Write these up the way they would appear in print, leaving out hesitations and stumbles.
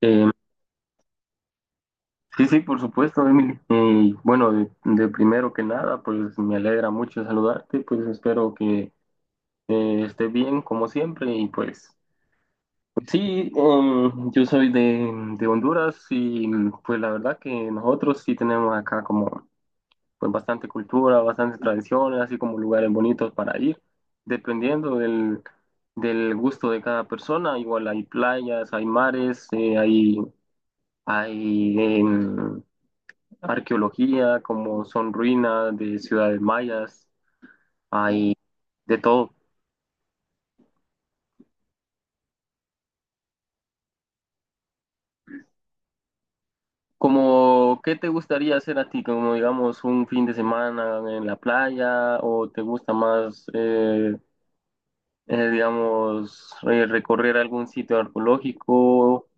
Eh, sí, sí, por supuesto, Emily. Y bueno, de primero que nada, pues me alegra mucho saludarte, pues espero que esté bien como siempre y pues sí, yo soy de Honduras y pues la verdad que nosotros sí tenemos acá como pues bastante cultura, bastantes tradiciones, así como lugares bonitos para ir, dependiendo del, del gusto de cada persona, igual hay playas, hay mares, hay arqueología, como son ruinas de ciudades mayas, hay de todo. Como, qué te gustaría hacer a ti? Como, digamos, un fin de semana en la playa o te gusta más, digamos, ¿recorrer algún sitio arqueológico?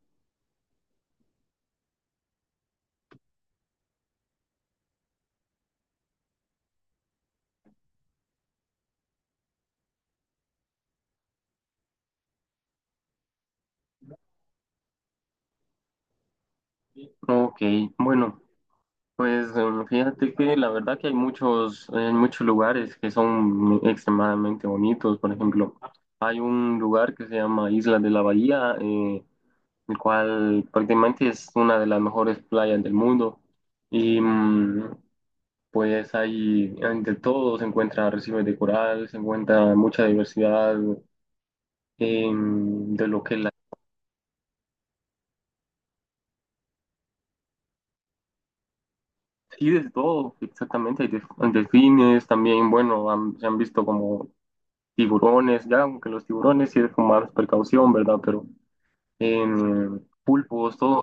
Ok, bueno, pues fíjate que la verdad que hay muchos lugares que son extremadamente bonitos. Por ejemplo, hay un lugar que se llama Isla de la Bahía. El cual prácticamente es una de las mejores playas del mundo. Y pues ahí de todo, se encuentra arrecifes de coral, se encuentra mucha diversidad de lo que la... Sí, de todo, exactamente, delfines también, bueno, se han visto como tiburones, ya aunque los tiburones sí es con más precaución, ¿verdad? Pero pulpos, todo.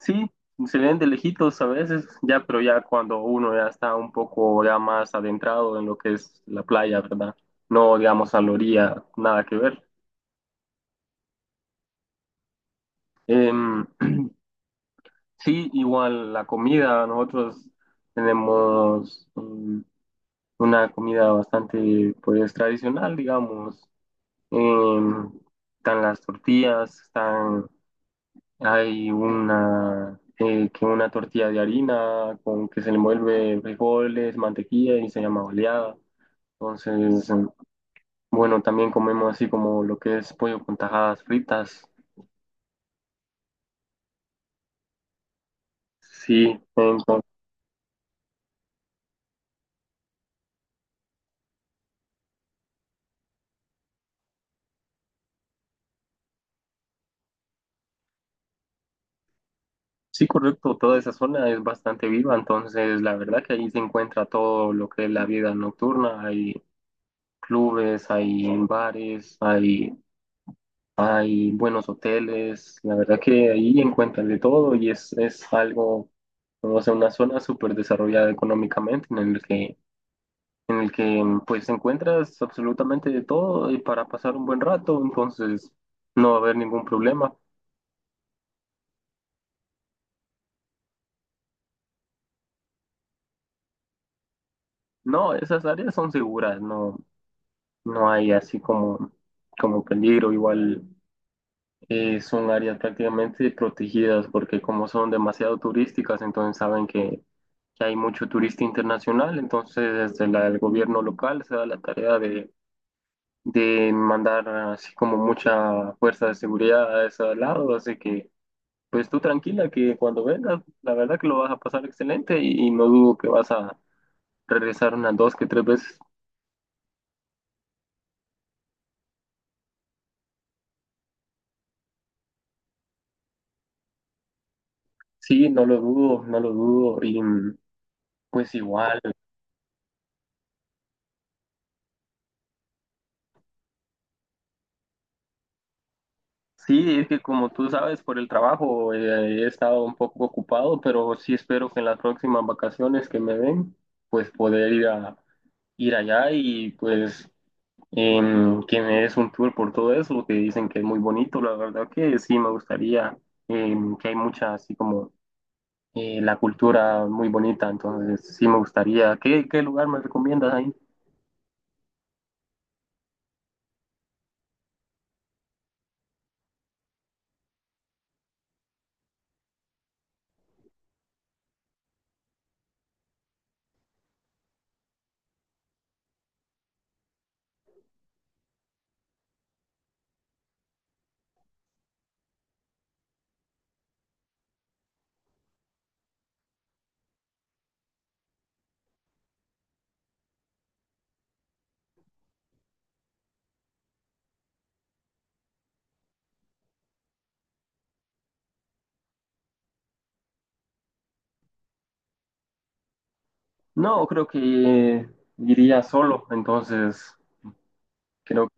Sí, se ven de lejitos a veces, ya, pero ya cuando uno ya está un poco ya más adentrado en lo que es la playa, ¿verdad? No, digamos, a la orilla, nada que ver. Em, sí, igual la comida, nosotros tenemos una comida bastante, pues, tradicional, digamos. Em, Están las tortillas, están. Hay una, que una tortilla de harina con que se le envuelve frijoles, mantequilla y se llama oleada. Entonces, bueno, también comemos así como lo que es pollo con tajadas fritas. Sí, entonces, sí, correcto, toda esa zona es bastante viva, entonces la verdad que ahí se encuentra todo lo que es la vida nocturna. Hay clubes, hay bares, hay buenos hoteles, la verdad que ahí encuentras de todo y es algo, o sea, una zona súper desarrollada económicamente en el que pues encuentras absolutamente de todo y para pasar un buen rato, entonces no va a haber ningún problema. No, esas áreas son seguras, no, no hay así como, como peligro, igual son áreas prácticamente protegidas porque como son demasiado turísticas, entonces saben que hay mucho turista internacional, entonces desde el gobierno local se da la tarea de mandar así como mucha fuerza de seguridad a ese lado, así que pues tú tranquila que cuando vengas, la verdad que lo vas a pasar excelente y no dudo que vas a regresar unas dos que tres veces. Sí, no lo dudo, no lo dudo y pues igual. Sí, es que como tú sabes, por el trabajo he estado un poco ocupado, pero sí espero que en las próximas vacaciones que me den, pues poder ir a, ir allá y pues que me des un tour por todo eso, que dicen que es muy bonito, la verdad que sí me gustaría, que hay mucha así como la cultura muy bonita, entonces sí me gustaría. ¿Qué, qué lugar me recomiendas ahí? No, creo que iría solo, entonces creo que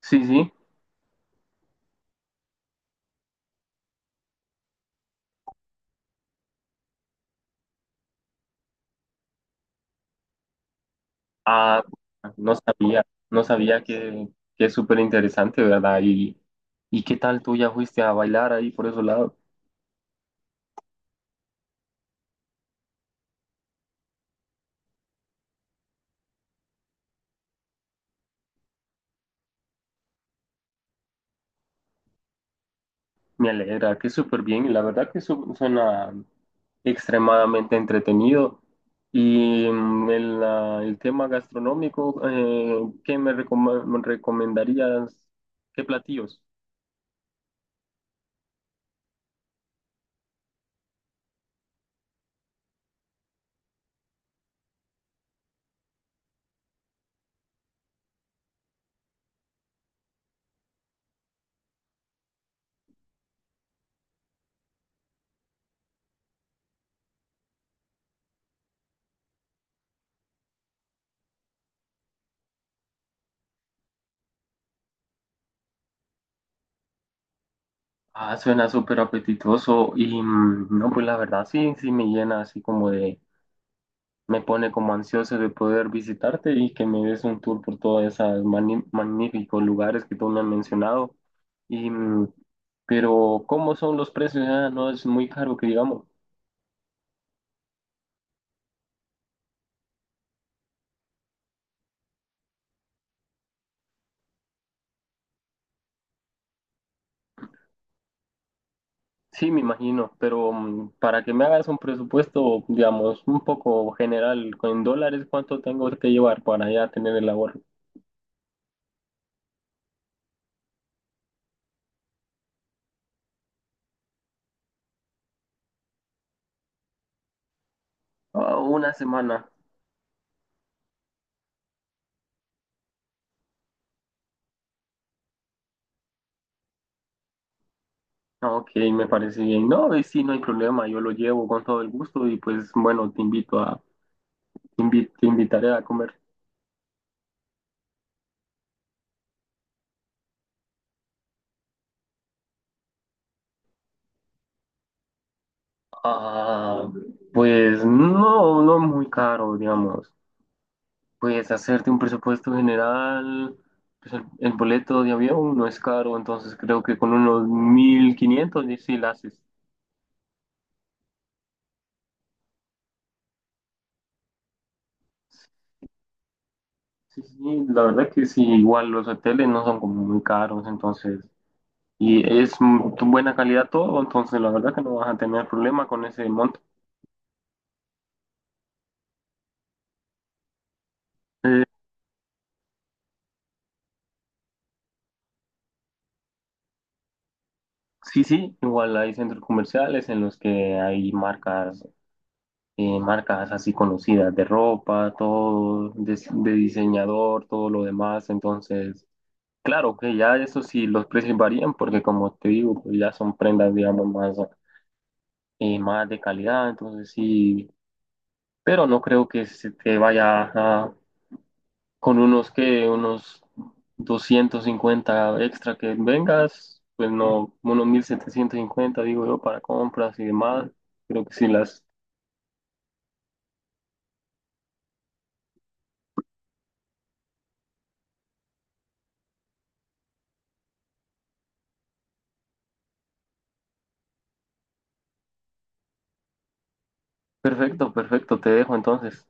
sí, sí. Ah, no sabía, no sabía que es súper interesante, ¿verdad? ¿Y qué tal tú ya fuiste a bailar ahí por esos lados? Me alegra, que súper bien. Y la verdad que suena extremadamente entretenido. Y el, ah, el tema gastronómico, ¿qué me, me recomendarías? ¿Qué platillos? Ah, suena súper apetitoso. Y no, pues la verdad sí, sí me llena así como de... me pone como ansioso de poder visitarte y que me des un tour por todos esos magníficos lugares que tú me has mencionado. Y, pero, ¿cómo son los precios? Ah, no es muy caro que digamos. Sí, me imagino, pero para que me hagas un presupuesto, digamos, un poco general, en dólares, ¿cuánto tengo que llevar para ya tener el ahorro? Ah, una semana. Ah, ok, me parece bien. No, y sí, no hay problema, yo lo llevo con todo el gusto y pues bueno, te invito a, te invitaré a comer. Ah, pues no, no muy caro, digamos. Pues hacerte un presupuesto general, pues el boleto de avión no es caro, entonces creo que con unos 1500 y sí la haces. Sí, sí, sí, la verdad que sí, igual los hoteles no son como muy caros, entonces, y es buena calidad todo, entonces la verdad que no vas a tener problema con ese monto. Eh, sí, sí, igual hay centros comerciales en los que hay marcas marcas así conocidas de ropa, todo, de diseñador, todo lo demás. Entonces, claro que ya eso sí, los precios varían porque como te digo, pues ya son prendas, digamos, más, más de calidad. Entonces sí, pero no creo que se te vaya a, con unos que, unos 250 extra que vengas. Pues no, unos 1750 digo yo, para compras y demás. Creo que sí las... Perfecto, perfecto, te dejo entonces.